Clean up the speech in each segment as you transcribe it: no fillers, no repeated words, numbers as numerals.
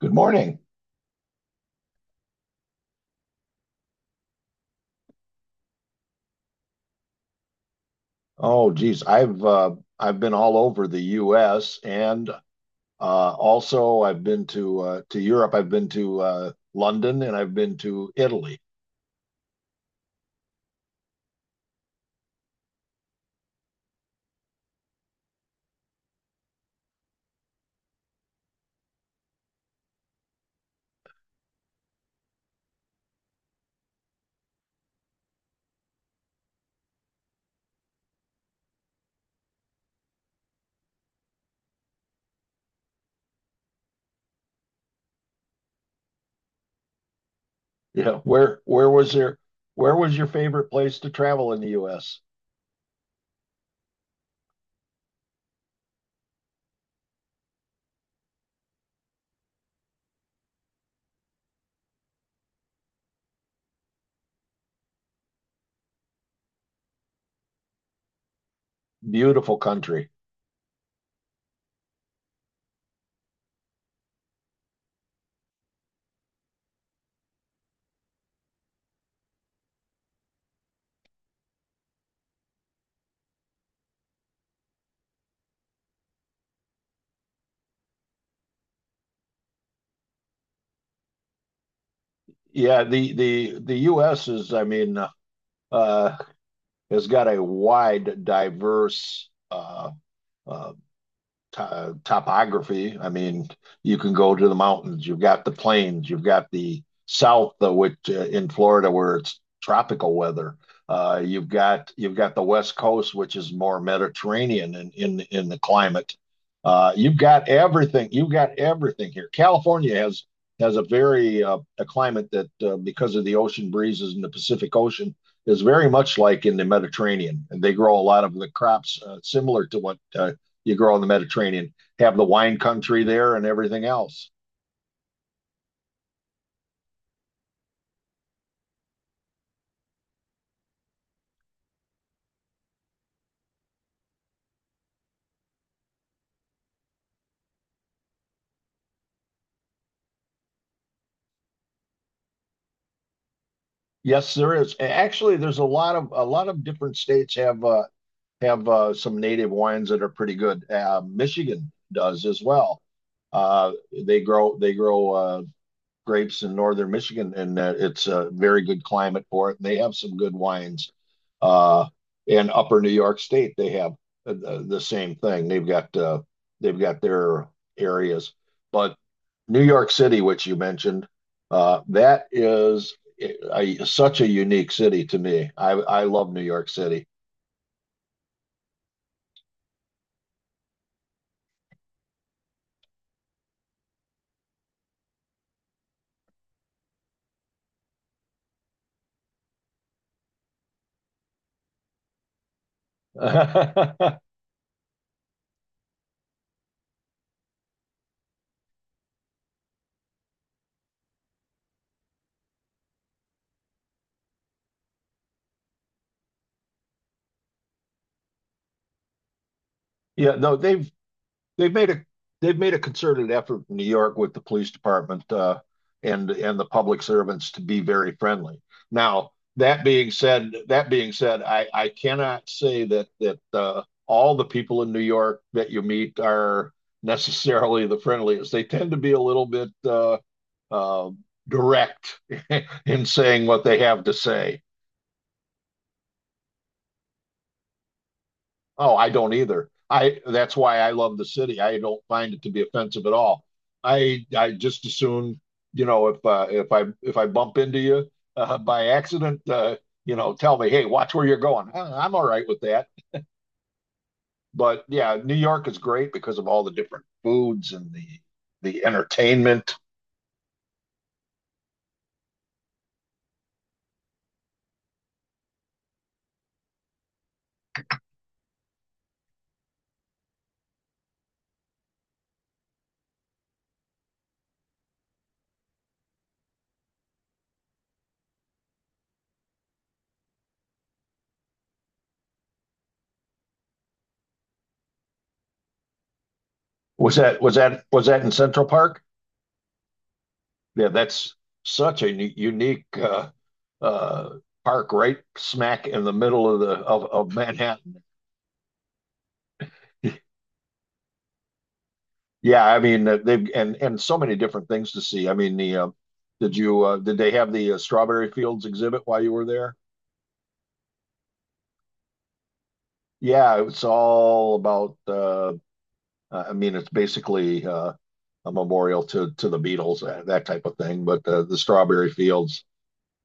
Good morning. Oh, geez, I've been all over the U.S. and also I've been to Europe. I've been to London and I've been to Italy. Yeah, where was your where was your favorite place to travel in the U.S.? Beautiful country. Yeah, the U.S. is, I mean, uh, has got a wide, diverse uh, topography. I mean, you can go to the mountains. You've got the plains. You've got the south, though, which in Florida where it's tropical weather. You've got the west coast, which is more Mediterranean in the climate. You've got everything. You've got everything here. California has a very a climate that because of the ocean breezes in the Pacific Ocean is very much like in the Mediterranean, and they grow a lot of the crops similar to what you grow in the Mediterranean, have the wine country there and everything else. Yes, there is. Actually, there's a lot of different states have some native wines that are pretty good. Michigan does as well. Uh, they grow grapes in northern Michigan, and it's a very good climate for it. And they have some good wines. Uh, and Upper New York State, they have same thing. They've got their areas, but New York City, which you mentioned, that is such a unique city to me. I love New York City. Yeah, no, They've made a they've made a concerted effort in New York with the police department and the public servants to be very friendly. Now that being said, I cannot say that all the people in New York that you meet are necessarily the friendliest. They tend to be a little bit uh, direct in saying what they have to say. Oh, I don't either. I that's why I love the city. I don't find it to be offensive at all. I just assume, you know, if I bump into you by accident, you know, tell me, hey, watch where you're going. I'm all right with that. But yeah, New York is great because of all the different foods and the entertainment. Was that was that was that in Central Park? Yeah, that's such a unique uh, park right smack in the middle of of Manhattan. Yeah, I mean they've and so many different things to see. I mean the did you did they have the strawberry fields exhibit while you were there? Yeah, it's all about I mean it's basically a memorial to the Beatles that type of thing. But the strawberry fields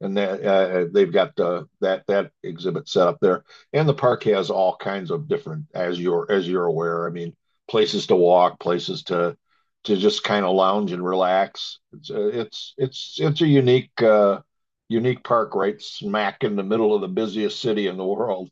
and that they've got that exhibit set up there, and the park has all kinds of different, as you're aware. I mean, places to walk, places to just kind of lounge and relax. It's a unique park right smack in the middle of the busiest city in the world.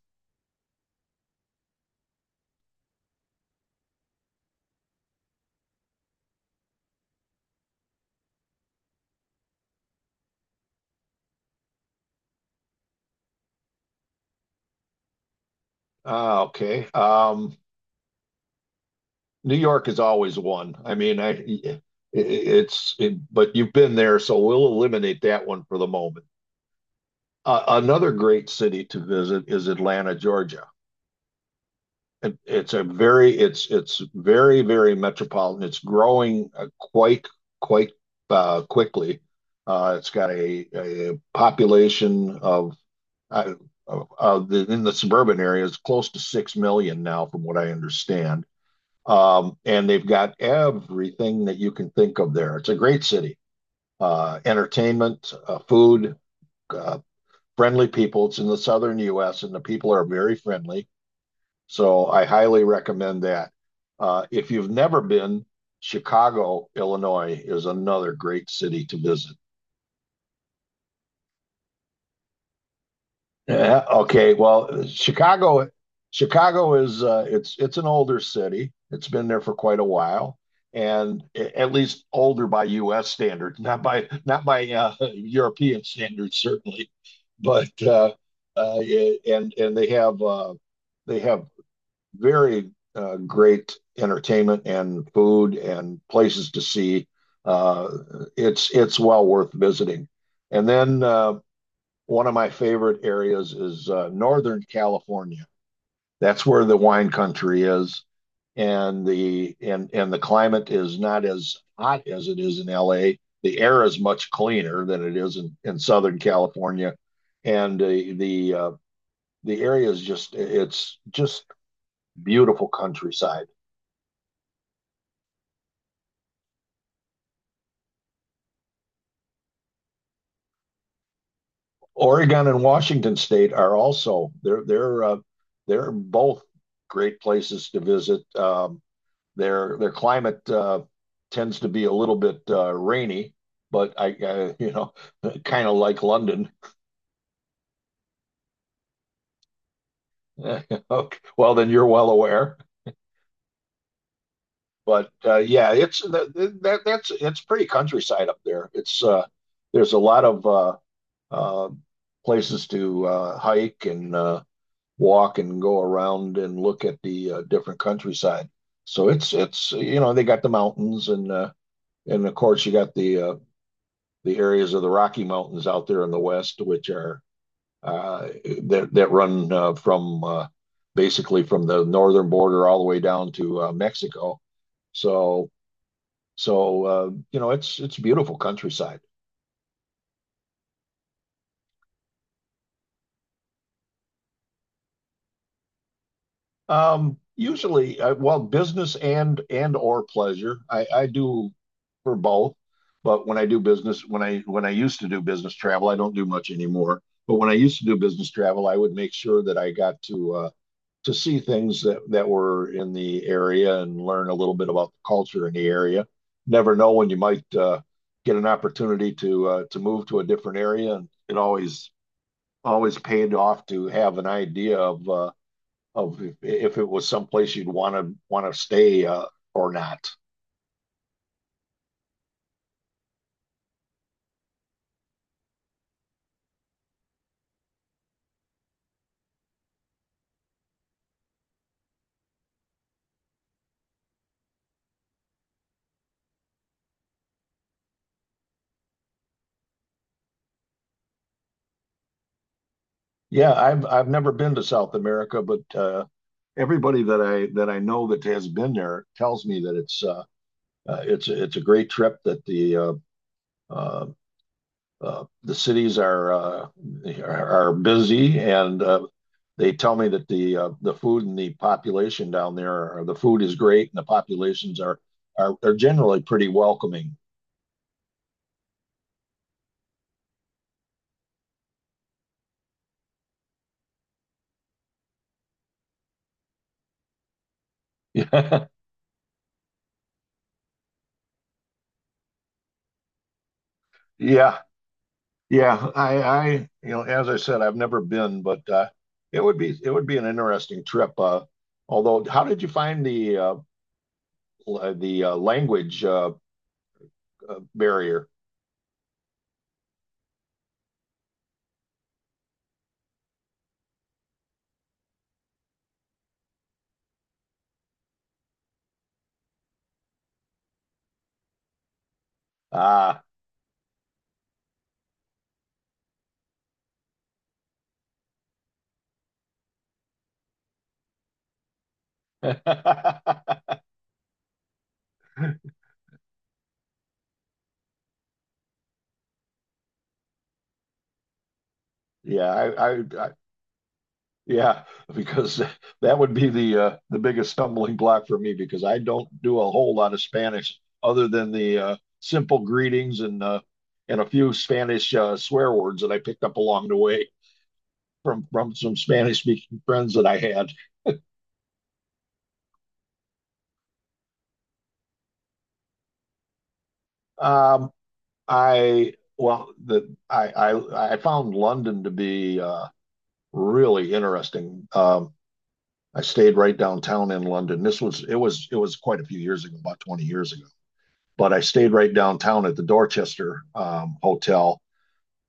Ah, okay. New York is always one. But you've been there, so we'll eliminate that one for the moment. Another great city to visit is Atlanta, Georgia. It's very very metropolitan. It's growing quite quickly. It's got a population of uh, in the suburban areas close to 6 million now, from what I understand. And they've got everything that you can think of there. It's a great city. Entertainment, food, uh, friendly people. It's in the southern U.S. and the people are very friendly. So I highly recommend that. If you've never been, Chicago, Illinois is another great city to visit. Yeah, okay, well, Chicago is it's an older city. It's been there for quite a while, and at least older by U.S. standards, not by European standards certainly. But yeah, and they have very great entertainment and food and places to see. Uh, it's well worth visiting. And then one of my favorite areas is Northern California. That's where the wine country is, and the climate is not as hot as it is in LA. The air is much cleaner than it is in Southern California, and the area is just it's just beautiful countryside. Oregon and Washington State are also they're both great places to visit. Their climate tends to be a little bit rainy, but I you know kind of like London. Okay. Well, then you're well aware. But yeah, that that's it's pretty countryside up there. It's there's a lot of uh, places to hike and walk and go around and look at the different countryside. So it's you know they got the mountains and of course you got the areas of the Rocky Mountains out there in the west, which are uh, that that run from basically from the northern border all the way down to Mexico. So you know it's beautiful countryside. Usually, well, business and or pleasure. I do for both. But when I do business, when I used to do business travel, I don't do much anymore. But when I used to do business travel, I would make sure that I got to see things that were in the area and learn a little bit about the culture in the area. Never know when you might get an opportunity to move to a different area, and it always always paid off to have an idea of if, it was someplace you'd want to stay or not. Yeah, I've never been to South America, but everybody that I know that has been there tells me that it's a great trip. That uh, the cities are busy, and they tell me that the food and the population down there, the food is great, and the populations are are generally pretty welcoming. yeah, Yeah, you know, as I said, I've never been, but it would be an interesting trip. Although, how did you find the language barrier? Ah, yeah, I, I, I, yeah, because that would be the biggest stumbling block for me because I don't do a whole lot of Spanish other than the simple greetings and a few Spanish swear words that I picked up along the way. From some Spanish speaking friends that I had. Um, I well, I found London to be really interesting. I stayed right downtown in London. This was it was quite a few years ago, about 20 years ago. But I stayed right downtown at the Dorchester Hotel,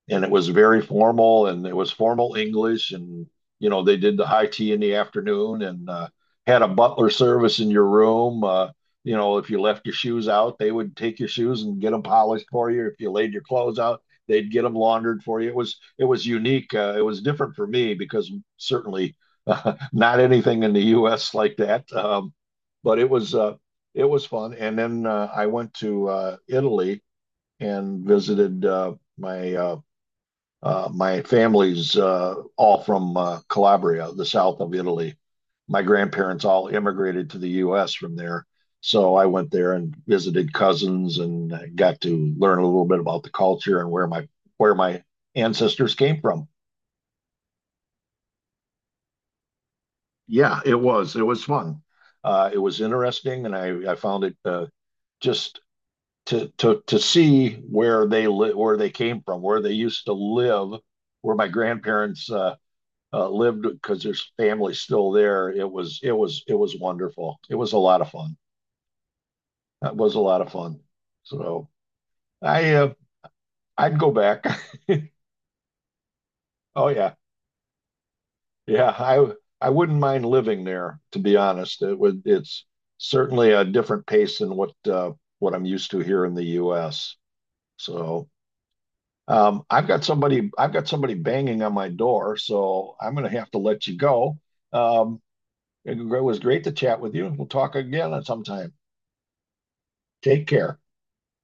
and it was very formal and it was formal English and you know they did the high tea in the afternoon and had a butler service in your room. You know if you left your shoes out, they would take your shoes and get them polished for you. If you laid your clothes out, they'd get them laundered for you. It was unique. It was different for me because certainly not anything in the U.S. like that. But it was fun. And then I went to Italy and visited my family's all from Calabria, the south of Italy. My grandparents all immigrated to the U.S. from there. So I went there and visited cousins and got to learn a little bit about the culture and where my ancestors came from. Yeah, it was fun. It was interesting, and I found it just to see where they came from, where they used to live, where my grandparents lived because there's family still there. It was wonderful. It was a lot of fun. That was a lot of fun. So I I'd go back. Oh yeah, yeah. I wouldn't mind living there, to be honest. It would. It's certainly a different pace than what I'm used to here in the U.S. So I've got somebody banging on my door, so I'm going to have to let you go. Um, it was great to chat with you. We'll talk again at some time. Take care.